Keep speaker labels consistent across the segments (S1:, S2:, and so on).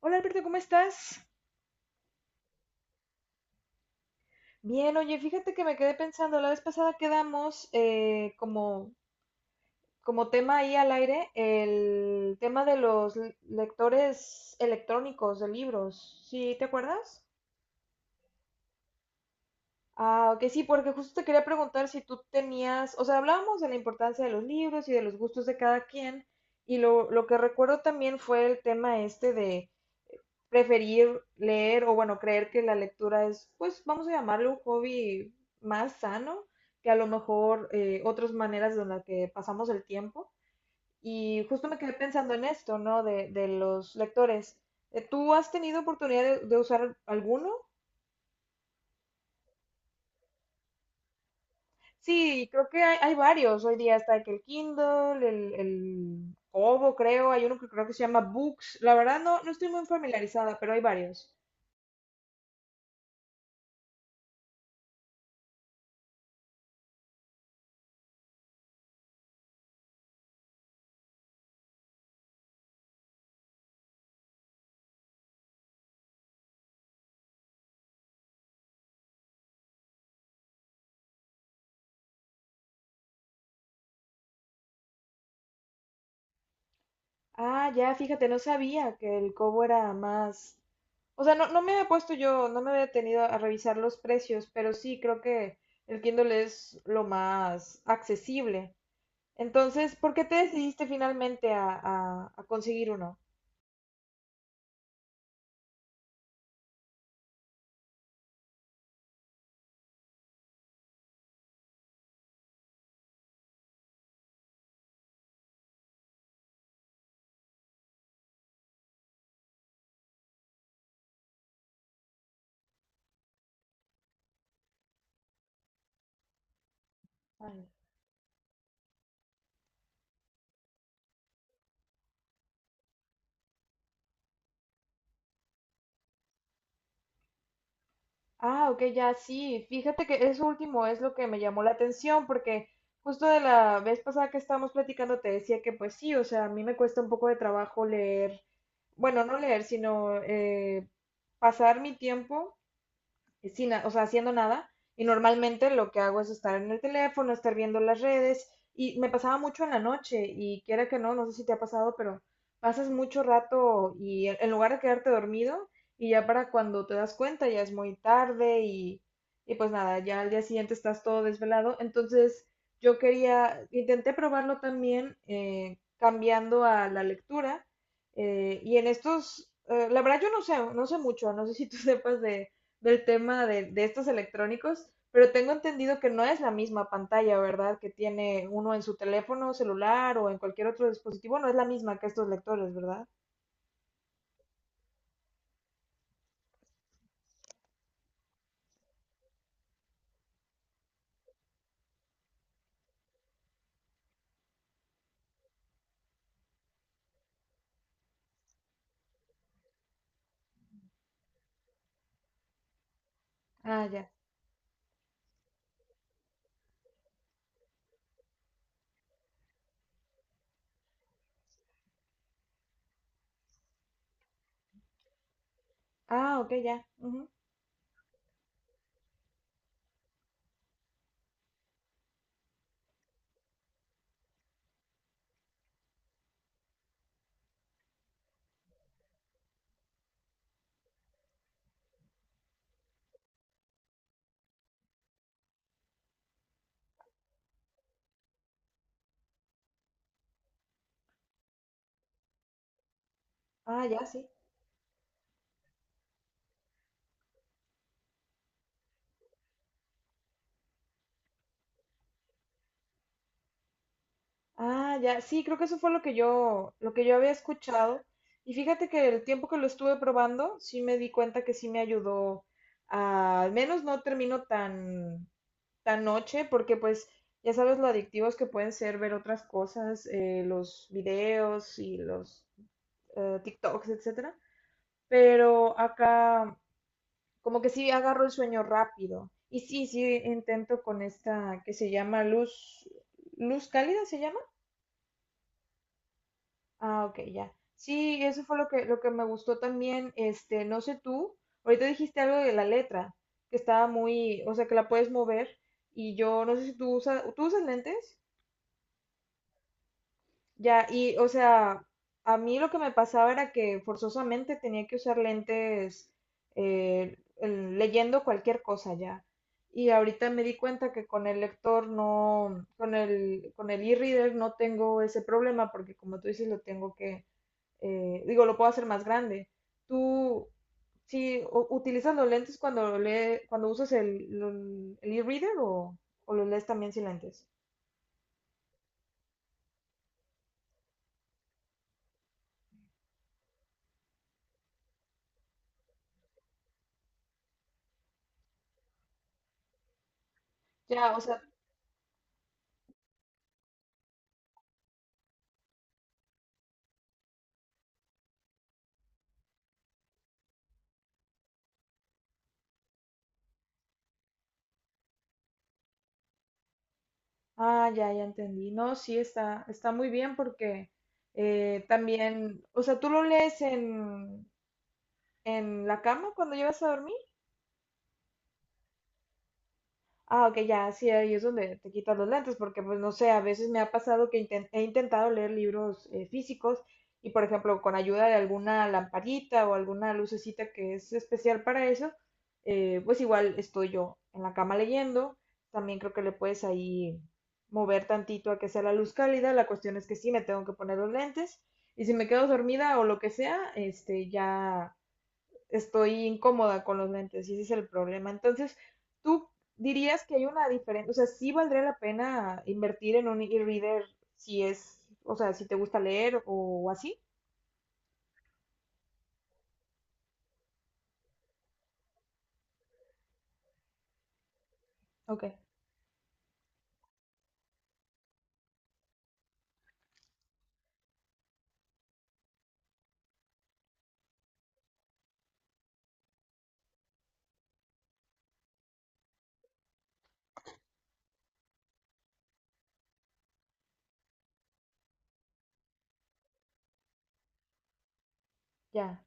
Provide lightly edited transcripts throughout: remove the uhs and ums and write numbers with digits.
S1: Hola Alberto, ¿cómo estás? Bien, oye, fíjate que me quedé pensando, la vez pasada quedamos como tema ahí al aire el tema de los lectores electrónicos de libros, ¿sí te acuerdas? Ah, ok, sí, porque justo te quería preguntar si tú tenías, o sea, hablábamos de la importancia de los libros y de los gustos de cada quien, y lo que recuerdo también fue el tema este de preferir leer o bueno, creer que la lectura es, pues vamos a llamarlo un hobby más sano que a lo mejor otras maneras de las que pasamos el tiempo. Y justo me quedé pensando en esto, ¿no? De los lectores. ¿Tú has tenido oportunidad de usar alguno? Sí, creo que hay varios. Hoy día está que el Kindle, el Kobo, creo. Hay uno que creo que se llama Books. La verdad no, no estoy muy familiarizada, pero hay varios. Ah, ya, fíjate, no sabía que el cobo era más... O sea, no, no me había puesto yo, no me había detenido a revisar los precios, pero sí creo que el Kindle es lo más accesible. Entonces, ¿por qué te decidiste finalmente a, a conseguir uno? Ah, ok, ya sí. Fíjate que eso último es lo que me llamó la atención, porque justo de la vez pasada que estábamos platicando te decía que pues sí, o sea, a mí me cuesta un poco de trabajo leer, bueno, no leer, sino pasar mi tiempo sin, o sea, haciendo nada. Y normalmente lo que hago es estar en el teléfono, estar viendo las redes. Y me pasaba mucho en la noche y quiera que no, no sé si te ha pasado, pero pasas mucho rato y en lugar de quedarte dormido y ya para cuando te das cuenta ya es muy tarde y pues nada, ya al día siguiente estás todo desvelado. Entonces yo quería, intenté probarlo también cambiando a la lectura la verdad yo no sé, no sé mucho, no sé si tú sepas de del tema de estos electrónicos, pero tengo entendido que no es la misma pantalla, ¿verdad? Que tiene uno en su teléfono celular o en cualquier otro dispositivo, no es la misma que estos lectores, ¿verdad? Ah, ya. Ah, ok, ya. Ujú. Ah, ya, sí. Ah, ya. Sí, creo que eso fue lo que yo había escuchado. Y fíjate que el tiempo que lo estuve probando, sí me di cuenta que sí me ayudó al menos no termino tan tan noche, porque pues ya sabes lo adictivos que pueden ser ver otras cosas, los videos y los TikToks, etcétera. Pero acá como que sí agarro el sueño rápido. Y sí, sí intento con esta que se llama luz cálida se llama. Ah, ok, ya. Sí, eso fue lo que me gustó también. Este, no sé tú, ahorita dijiste algo de la letra, que estaba muy, o sea, que la puedes mover. Y yo no sé si tú usas, ¿tú usas lentes? Ya, y o sea, a mí lo que me pasaba era que forzosamente tenía que usar lentes leyendo cualquier cosa ya. Y ahorita me di cuenta que con el lector no, con el e-reader no tengo ese problema porque como tú dices, lo tengo que, digo, lo puedo hacer más grande. Tú, sí, ¿utilizas los lentes cuando lee, cuando usas el, el e-reader o los lees también sin lentes? Ya, o sea, ah, ya, ya entendí. No, sí, está, está muy bien porque también, o sea, ¿tú lo lees en la cama cuando llegas a dormir? Ah, ok, ya, sí, ahí es donde te quitas los lentes, porque pues no sé, a veces me ha pasado que he intentado leer libros físicos y por ejemplo con ayuda de alguna lamparita o alguna lucecita que es especial para eso, pues igual estoy yo en la cama leyendo, también creo que le puedes ahí mover tantito a que sea la luz cálida, la cuestión es que sí me tengo que poner los lentes y si me quedo dormida o lo que sea, este ya estoy incómoda con los lentes y ese es el problema. Entonces, ¿tú dirías que hay una diferencia? O sea, ¿sí valdría la pena invertir en un e-reader si es, o sea, si te gusta leer o, así? Ok. Ya.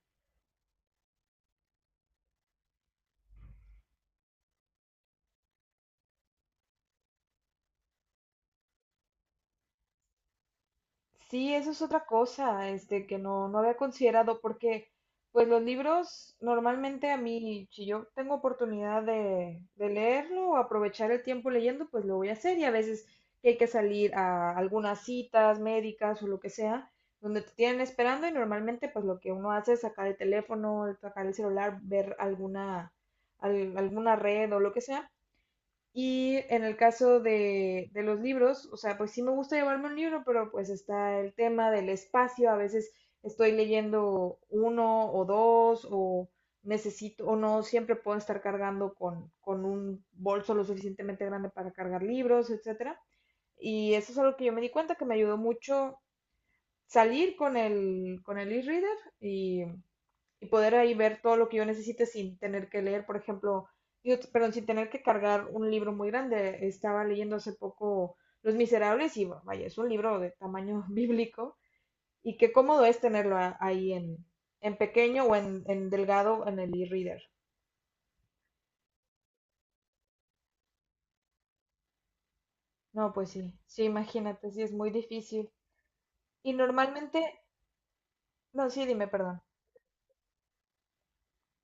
S1: Sí, eso es otra cosa, este, que no, no había considerado, porque pues los libros normalmente a mí, si yo tengo oportunidad de leerlo o aprovechar el tiempo leyendo, pues lo voy a hacer y a veces que hay que salir a algunas citas médicas o lo que sea, donde te tienen esperando y normalmente pues lo que uno hace es sacar el teléfono, sacar el celular, ver alguna, alguna red o lo que sea. Y en el caso de los libros, o sea, pues sí me gusta llevarme un libro, pero pues está el tema del espacio. A veces estoy leyendo uno o dos o necesito o no siempre puedo estar cargando con un bolso lo suficientemente grande para cargar libros, etcétera. Y eso es algo que yo me di cuenta que me ayudó mucho salir con el e-reader y poder ahí ver todo lo que yo necesite sin tener que leer, por ejemplo, digo, perdón, sin tener que cargar un libro muy grande. Estaba leyendo hace poco Los Miserables y bueno, vaya, es un libro de tamaño bíblico y qué cómodo es tenerlo ahí en pequeño o en delgado en el e-reader. No, pues sí, sí, imagínate, sí es muy difícil. Y normalmente, no, sí, dime, perdón.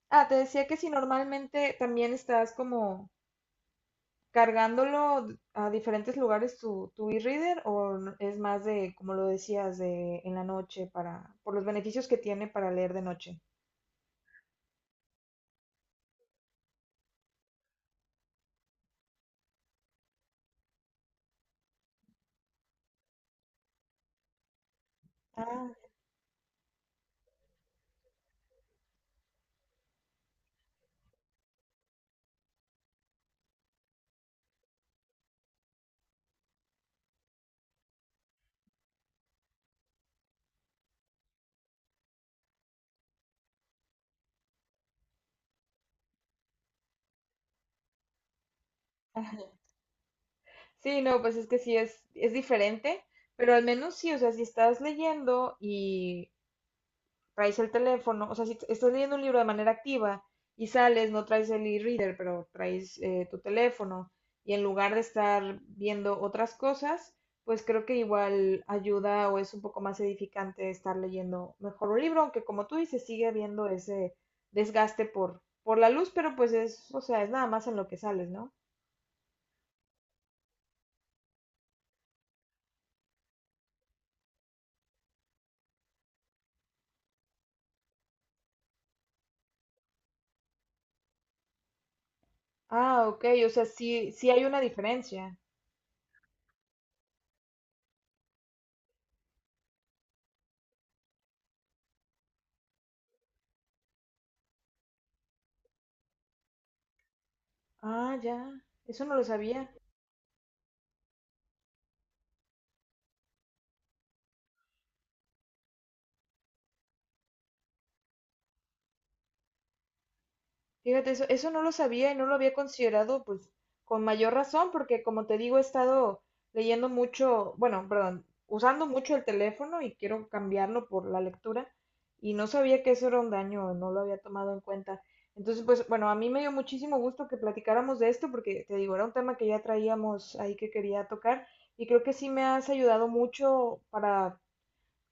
S1: Ah, te decía que si normalmente también estás como cargándolo a diferentes lugares tu, tu e-reader o es más de, como lo decías, ¿de en la noche para, por los beneficios que tiene para leer de noche? Ah, ajá. Sí, no, pues es que sí es diferente, pero al menos sí, o sea, si estás leyendo y traes el teléfono, o sea, si estás leyendo un libro de manera activa y sales, no traes el e-reader, pero traes tu teléfono y en lugar de estar viendo otras cosas, pues creo que igual ayuda o es un poco más edificante estar leyendo mejor un libro, aunque como tú dices, sigue habiendo ese desgaste por la luz, pero pues es, o sea, es nada más en lo que sales, ¿no? Ah, ok, o sea, sí, sí hay una diferencia. Ah, ya, eso no lo sabía. Fíjate, eso no lo sabía y no lo había considerado, pues, con mayor razón, porque como te digo, he estado leyendo mucho, bueno, perdón, usando mucho el teléfono y quiero cambiarlo por la lectura y no sabía que eso era un daño, no lo había tomado en cuenta. Entonces, pues, bueno, a mí me dio muchísimo gusto que platicáramos de esto porque, te digo, era un tema que ya traíamos ahí que quería tocar y creo que sí me has ayudado mucho para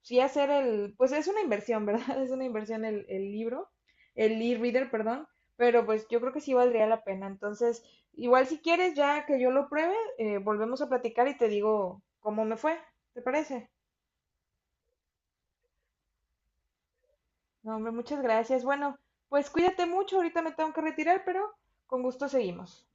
S1: sí hacer el, pues es una inversión, ¿verdad? Es una inversión el libro, el e-reader, perdón, pero pues yo creo que sí valdría la pena. Entonces, igual si quieres, ya que yo lo pruebe, volvemos a platicar y te digo cómo me fue, ¿te parece? No, hombre, muchas gracias. Bueno, pues cuídate mucho, ahorita me tengo que retirar, pero con gusto seguimos.